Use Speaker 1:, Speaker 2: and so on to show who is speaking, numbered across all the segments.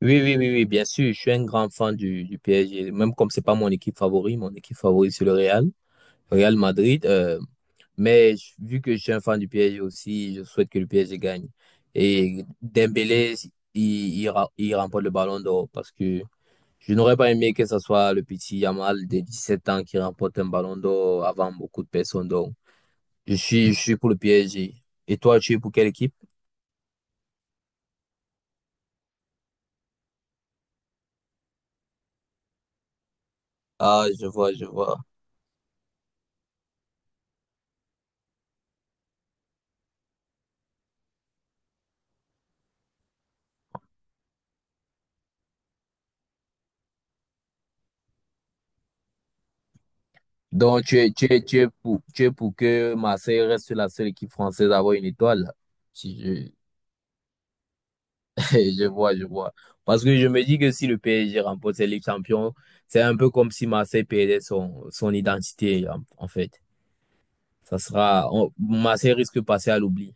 Speaker 1: Oui, oui, oui, oui, bien sûr, je suis un grand fan du PSG, même comme c'est pas mon équipe favorite, mon équipe favorite c'est le Real Madrid, mais vu que je suis un fan du PSG aussi, je souhaite que le PSG gagne. Et Dembélé, il, il remporte le ballon d'or parce que je n'aurais pas aimé que ce soit le petit Yamal de 17 ans qui remporte un ballon d'or avant beaucoup de personnes. Donc, je suis pour le PSG. Et toi, tu es pour quelle équipe? Ah, je vois, je vois. Donc, tu es pour que Marseille reste la seule équipe française à avoir une étoile. Si je, je vois, je vois. Parce que je me dis que si le PSG remporte cette Ligue Champion, c'est un peu comme si Marseille perdait son identité, en fait. Ça sera, Marseille risque de passer à l'oubli.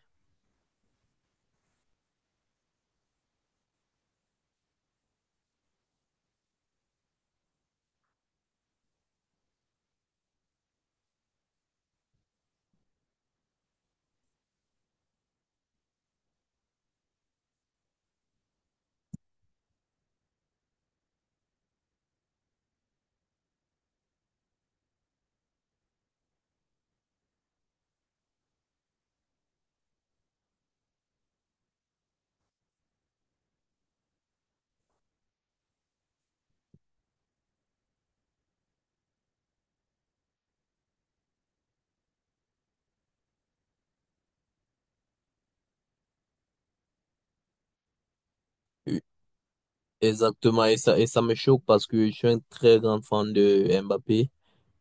Speaker 1: Exactement, et ça me choque parce que je suis un très grand fan de Mbappé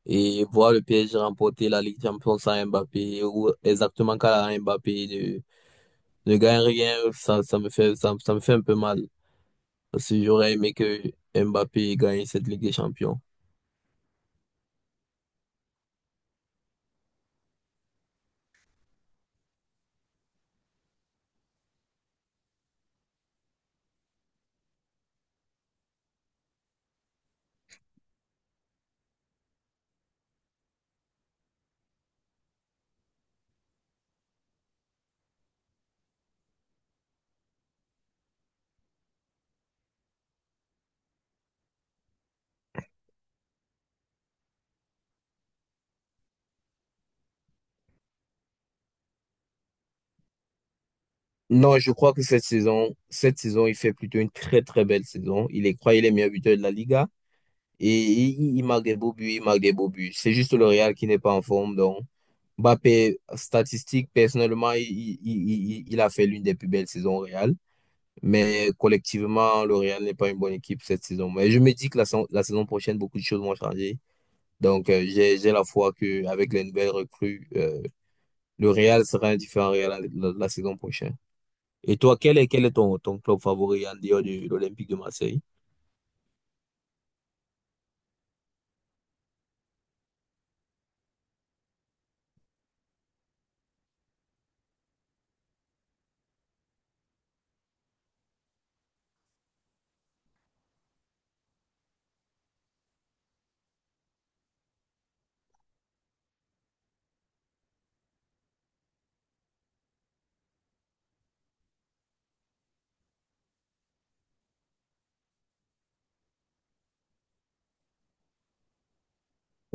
Speaker 1: et voir le PSG remporter la Ligue des Champions sans Mbappé ou exactement quand Mbappé je gagne rien, ça me fait un peu mal. Parce que j'aurais aimé que Mbappé gagne cette Ligue des Champions. Non, je crois que cette saison, il fait plutôt une très très belle saison. Il est, croyez, les meilleurs buteurs de la Liga et il marque des beaux buts, il marque des beaux buts. C'est juste le Real qui n'est pas en forme. Donc, Mbappé, statistique, personnellement, il a fait l'une des plus belles saisons au Real. Mais collectivement, le Real n'est pas une bonne équipe cette saison. Mais je me dis que la saison prochaine, beaucoup de choses vont changer. Donc, j'ai la foi qu'avec les nouvelles recrues, le Real sera un différent Real la saison prochaine. Et toi, quel est ton club favori en dehors de l'Olympique de Marseille?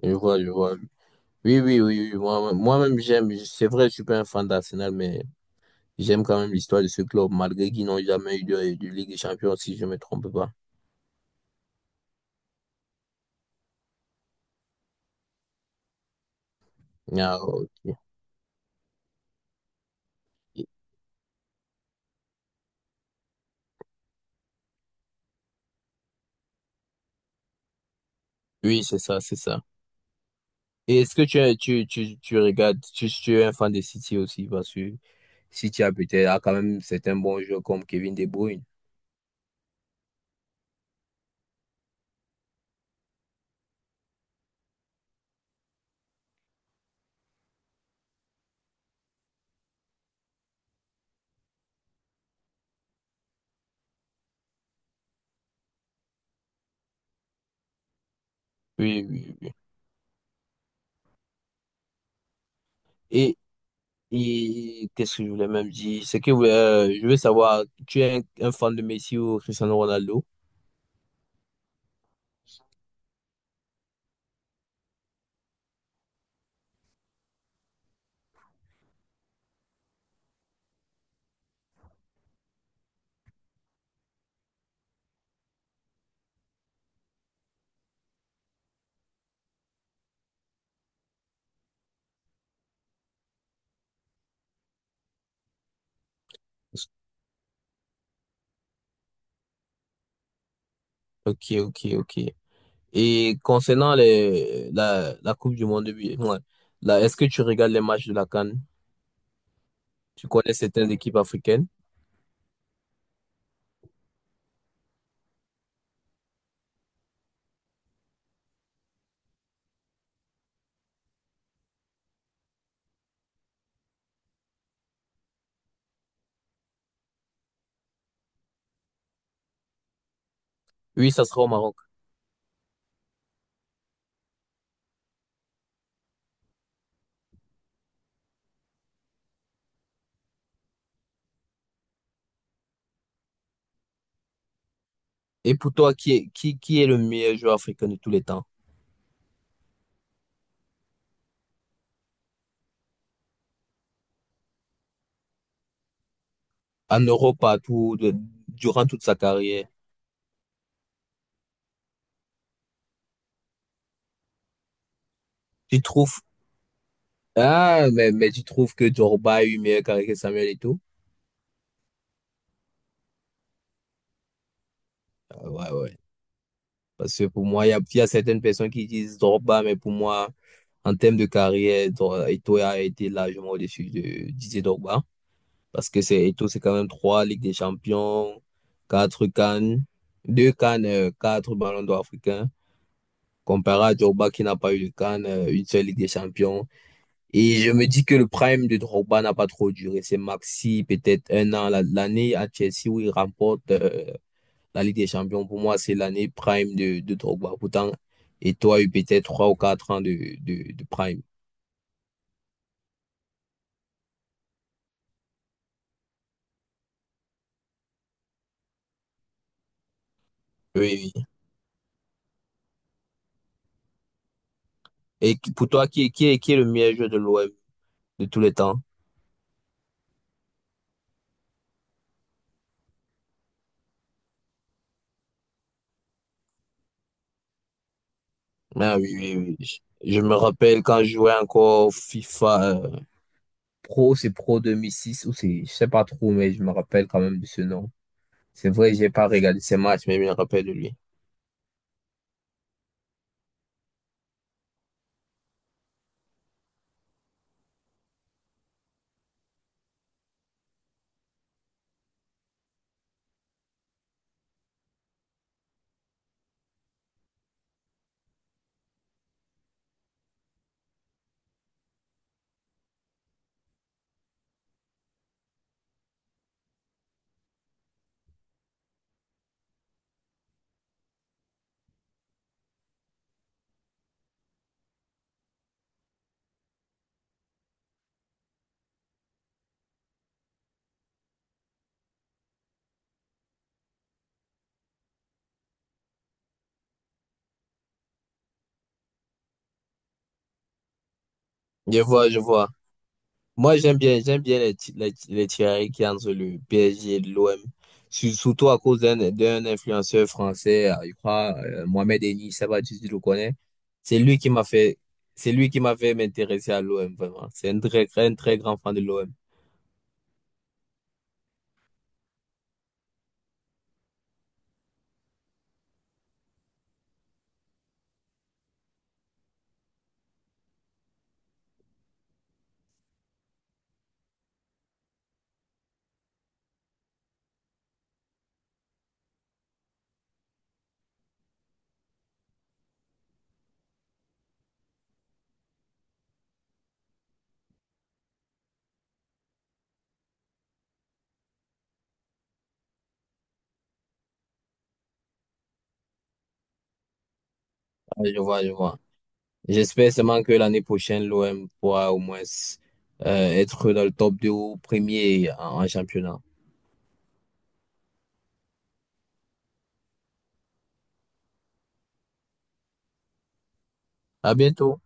Speaker 1: Je vois, je vois. Oui, oui, oui, oui. Moi, moi-même, j'aime. C'est vrai, je suis pas un fan d'Arsenal, mais j'aime quand même l'histoire de ce club, malgré qu'ils n'ont jamais eu de Ligue des Champions, si je me trompe pas. Ah, ok. Oui, c'est ça, c'est ça. Et est-ce que tu regardes, tu es un fan de City aussi, parce que City a peut-être a quand même certains bons joueurs comme Kevin De Bruyne. Oui, oui, oui. Et, et qu'est-ce que je voulais même dire? C'est que je veux savoir, tu es un fan de Messi ou Cristiano Ronaldo? Ok, ok, ok. Et concernant la Coupe du Monde, ouais, là, est-ce que tu regardes les matchs de la CAN? Tu connais certaines équipes africaines? Oui, ça sera au Maroc. Et pour toi, qui est le meilleur joueur africain de tous les temps? En Europe, partout, durant toute sa carrière. Tu trouves, ah, mais tu trouves que Drogba a eu meilleur carré que Samuel et tout? Ah, ouais, ouais. Parce que pour moi, il y a certaines personnes qui disent Drogba, mais pour moi, en termes de carrière, Eto'o a été largement au-dessus de Didier Drogba. Parce que c'est Eto'o, c'est quand même trois Ligues des Champions, quatre Cannes, deux Cannes, quatre Ballons d'Or africains. Comparé à Drogba qui n'a pas eu de Cannes, une seule Ligue des Champions. Et je me dis que le prime de Drogba n'a pas trop duré. C'est maxi, peut-être un an, l'année à Chelsea où il remporte. La Ligue des Champions, pour moi, c'est l'année prime de Drogba. Pourtant, et toi, a eu peut-être 3 ou 4 ans de prime. Oui, oui. Et pour toi, qui est le meilleur joueur de l'OM de tous les temps? Ah oui, oui, oui. Je me rappelle quand je jouais encore au FIFA. Pro, c'est Pro 2006 ou c'est, je sais pas trop, mais je me rappelle quand même de ce nom. C'est vrai, j'ai pas regardé ces matchs, mais je me rappelle de lui. Je vois, je vois. Moi, j'aime bien les tirailles qu'il y a entre le PSG et l'OM. Surtout à cause d'un influenceur français, je crois, Mohamed Eni, je sais pas si tu le connais. C'est lui qui m'a fait, c'est lui qui m'a fait m'intéresser à l'OM, vraiment. C'est un très, très, un très grand fan de l'OM. Ah, je vois, je vois. J'espère seulement que l'année prochaine, l'OM pourra au moins être dans le top 2 ou premier en championnat. À bientôt.